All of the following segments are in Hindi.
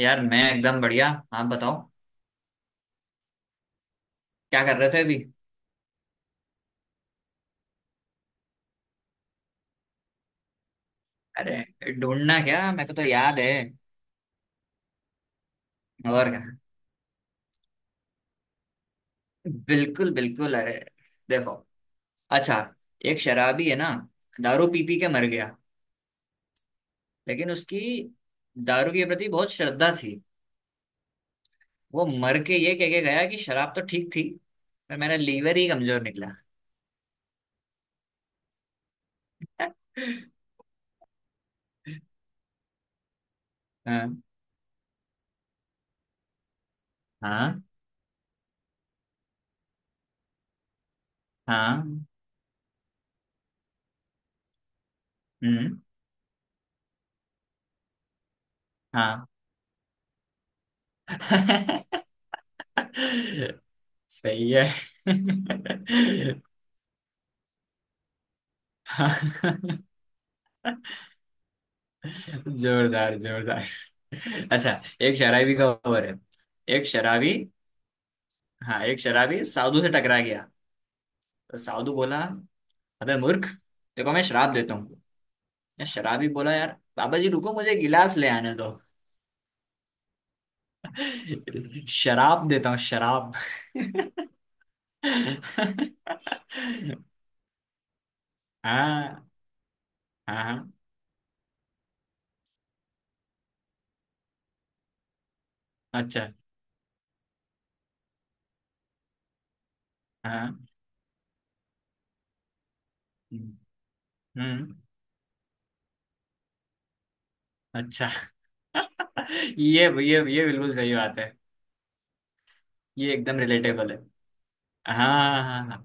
यार मैं एकदम बढ़िया। आप बताओ। क्या कर रहे थे अभी। अरे ढूंढना क्या, मेरे को तो याद है। और क्या। बिल्कुल बिल्कुल। अरे देखो। अच्छा, एक शराबी है ना, दारू पी पी के मर गया। लेकिन उसकी दारू के प्रति बहुत श्रद्धा थी। वो मर के ये कह के गया कि शराब तो ठीक थी, पर मेरा लीवर ही कमजोर निकला। हाँ, हाँ, हाँ। हम्म। हाँ। सही है। जोरदार, जोरदार। अच्छा, एक शराबी का ओवर है। एक शराबी। हाँ, एक शराबी साधु से टकरा गया। तो साधु बोला, अबे मूर्ख, देखो मैं शराब देता हूँ। या शराबी बोला, यार बाबा जी रुको, मुझे गिलास ले आने दो। शराब देता हूँ शराब। हाँ, हाँ, हाँ। अच्छा। हाँ। हम्म। अच्छा। ये बिल्कुल सही बात है। ये एकदम रिलेटेबल है। हाँ, हाँ, हाँ।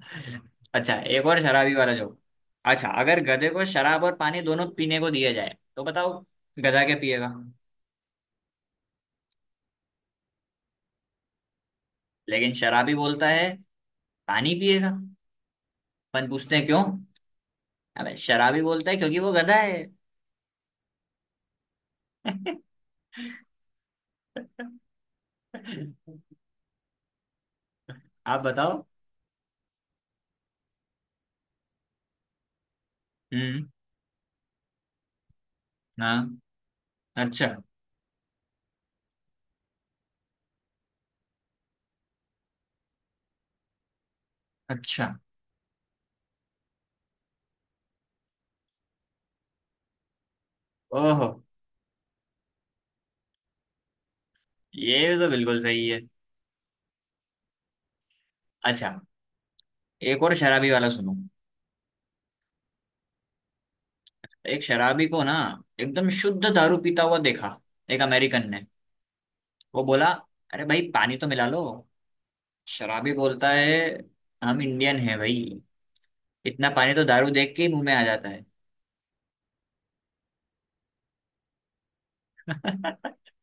अच्छा, एक और शराबी वाला जोक। अच्छा, अगर गधे को शराब और पानी दोनों पीने को दिया जाए तो बताओ, गधा क्या पिएगा। लेकिन शराबी बोलता है पानी पिएगा। अपन पूछते हैं क्यों। अबे शराबी बोलता है क्योंकि वो गधा है। आप बताओ। हम्म। हाँ। अच्छा। अच्छा। ओहो, ये तो बिल्कुल सही है। अच्छा, एक और शराबी वाला सुनो। एक शराबी को ना, एकदम शुद्ध दारू पीता हुआ देखा एक अमेरिकन ने। वो बोला, अरे भाई पानी तो मिला लो। शराबी बोलता है, हम इंडियन हैं भाई, इतना पानी तो दारू देख के ही मुंह में आ जाता है।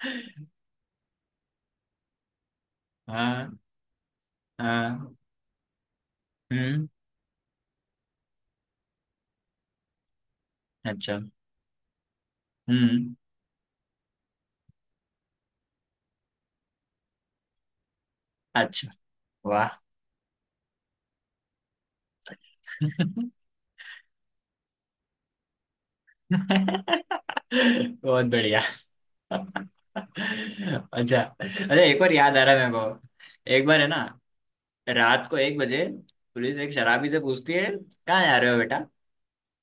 हाँ, हाँ। हम्म। अच्छा। हम्म। अच्छा। वाह। बहुत बढ़िया। अच्छा। अच्छा, एक बार याद आ रहा है मेरे को। एक बार है ना, रात को 1 बजे पुलिस एक शराबी से पूछती है, कहाँ जा रहे हो बेटा।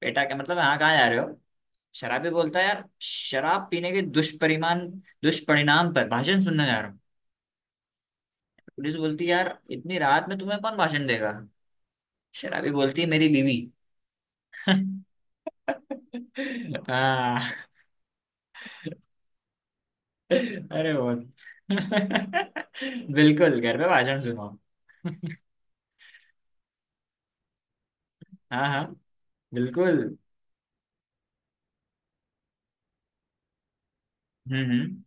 बेटा क्या मतलब, हाँ कहाँ जा रहे हो। शराबी बोलता है, यार शराब पीने के दुष्परिमान दुष्परिणाम पर भाषण सुनने जा रहा हूँ। पुलिस बोलती, यार इतनी रात में तुम्हें कौन भाषण देगा। शराबी बोलती है, मेरी बीवी। हाँ। अरे बहुत। बिल्कुल, घर पे भाषण सुनो। हाँ, हाँ। बिल्कुल। हम्म, हम्म।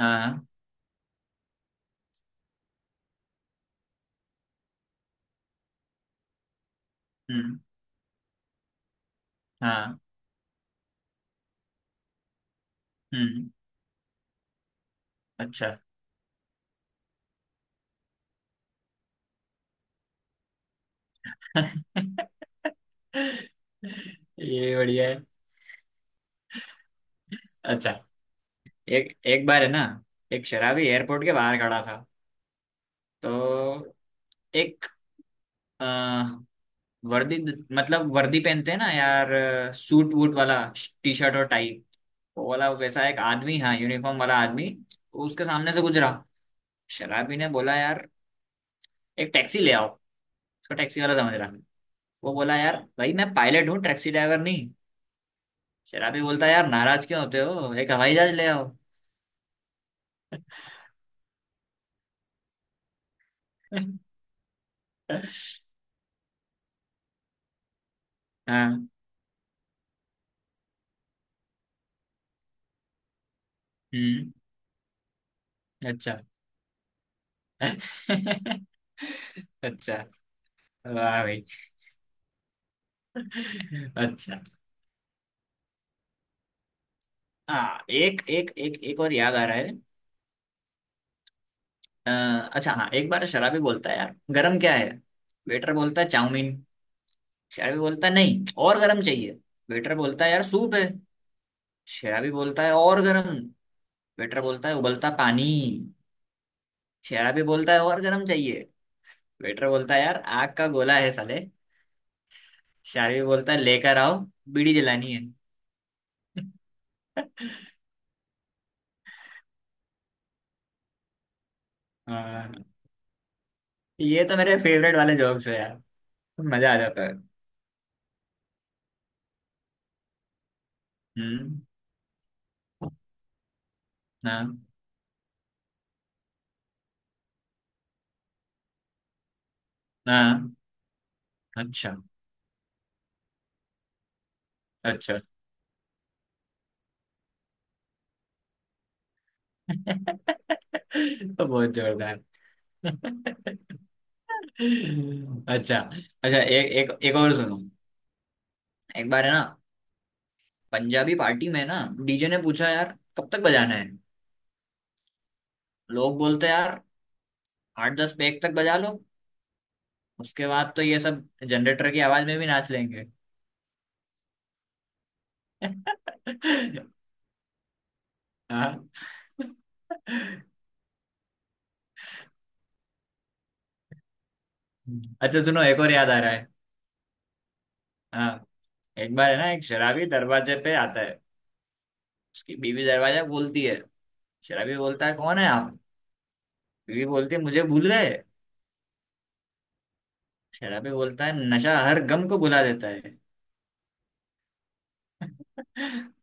हाँ, हाँ। हम्म। हाँ। हम्म, अच्छा। ये बढ़िया है। अच्छा, एक एक बार है ना, एक शराबी एयरपोर्ट के बाहर खड़ा था। तो एक वर्दी, मतलब वर्दी पहनते हैं ना यार, सूट वूट वाला, टी शर्ट और टाई, वो वाला वैसा एक आदमी, हाँ यूनिफॉर्म वाला आदमी, उसके सामने से गुजरा। शराबी ने बोला, यार एक टैक्सी ले आओ। उसको टैक्सी वाला समझ रहा। वो बोला, यार भाई मैं पायलट हूँ, टैक्सी ड्राइवर नहीं। शराबी बोलता, यार नाराज क्यों होते हो, एक हवाई जहाज ले आओ। हाँ। हम्म। अच्छा। अच्छा। वाह भाई। अच्छा। हाँ, एक एक एक एक और याद आ रहा है। अ, अच्छा, हाँ, एक बार शराबी बोलता है, यार गरम क्या है। वेटर बोलता है, चाउमीन। शराबी बोलता है, नहीं और गरम चाहिए। वेटर बोलता है, यार सूप है। शराबी बोलता है, और गरम। वेटर बोलता है, उबलता पानी। शराबी बोलता है, और गरम चाहिए। वेटर बोलता है, यार आग का गोला है साले। शराबी बोलता है, लेकर आओ, बीड़ी जलानी है। हाँ, ये तो मेरे फेवरेट वाले जोक्स है यार। मजा आ जाता है। हम्म। हाँ, हाँ। अच्छा। अच्छा। तो बहुत जोरदार। अच्छा। अच्छा, एक एक एक और सुनो। एक बार है ना, पंजाबी पार्टी में ना डीजे ने पूछा, यार कब तक बजाना है। लोग बोलते, यार 8-10 पैग तक बजा लो। उसके बाद तो ये सब जनरेटर की आवाज में भी नाच लेंगे। हाँ। अच्छा सुनो, एक और याद आ रहा है। हाँ, एक बार है ना, एक शराबी दरवाजे पे आता है, उसकी बीवी दरवाजा खोलती है। शराबी बोलता है, कौन है आप। बीवी बोलती है, मुझे भूल गए। शराबी बोलता है, नशा हर गम को भुला देता है।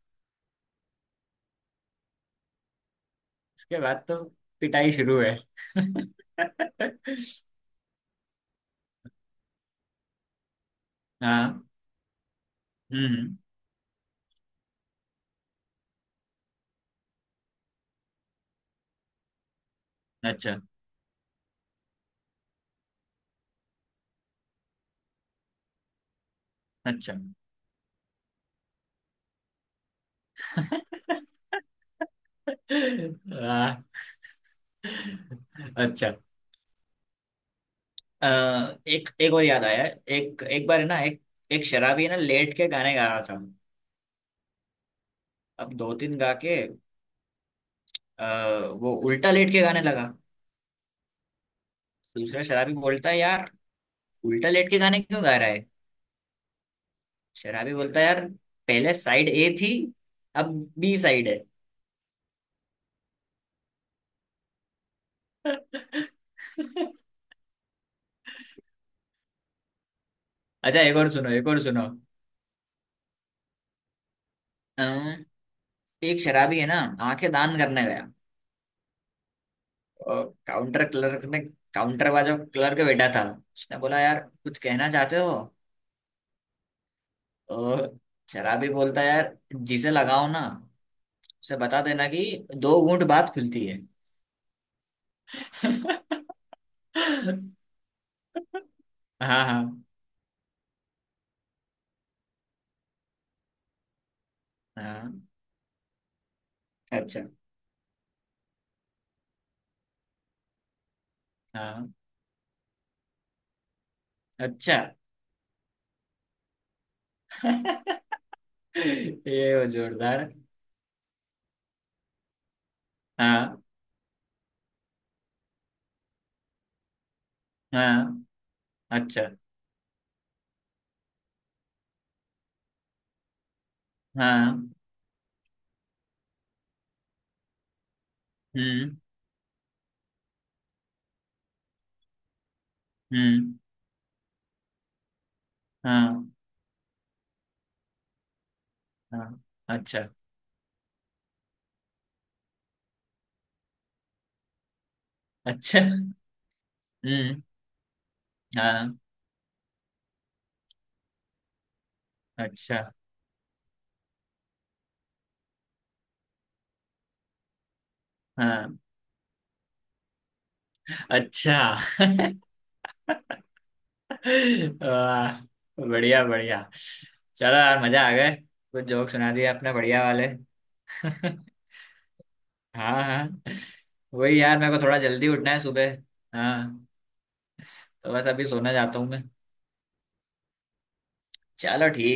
उसके बाद तो पिटाई शुरू है। हाँ। हम्म, हम्म। अच्छा। अच्छा। हाँ। अच्छा। अ, एक एक और याद आया। एक एक बार है ना, एक एक शराबी है ना लेट के गाने गा रहा था। अब दो तीन गा के, आ, वो उल्टा लेट के गाने लगा। दूसरा शराबी बोलता है, यार उल्टा लेट के गाने क्यों गा रहा। शराबी बोलता है, यार पहले साइड ए थी, अब बी साइड है। अच्छा, एक और सुनो, एक और सुनो। अम्म, एक शराबी है ना, आंखें दान करने गया। और काउंटर क्लर्क ने, काउंटर वाला जो क्लर्क बैठा था, उसने बोला, यार कुछ कहना चाहते हो। और शराबी बोलता है, यार जिसे लगाओ ना, उसे बता देना कि दो घूंट बात खुलती है। हाँ, हाँ, हाँ। अच्छा। हाँ। अच्छा। ये वो जोरदार। हाँ, हाँ। अच्छा। हाँ। हम्म, हम्म। हाँ, हाँ। अच्छा। अच्छा। हम्म। हाँ। अच्छा। हाँ। अच्छा। वाह, बढ़िया, बढ़िया। चलो यार, मजा आ गए। कुछ जोक सुना दिए आपने बढ़िया वाले। हाँ, हाँ। वही यार, मेरे को थोड़ा जल्दी उठना है सुबह। हाँ। तो बस अभी सोने जाता हूँ मैं। चलो ठीक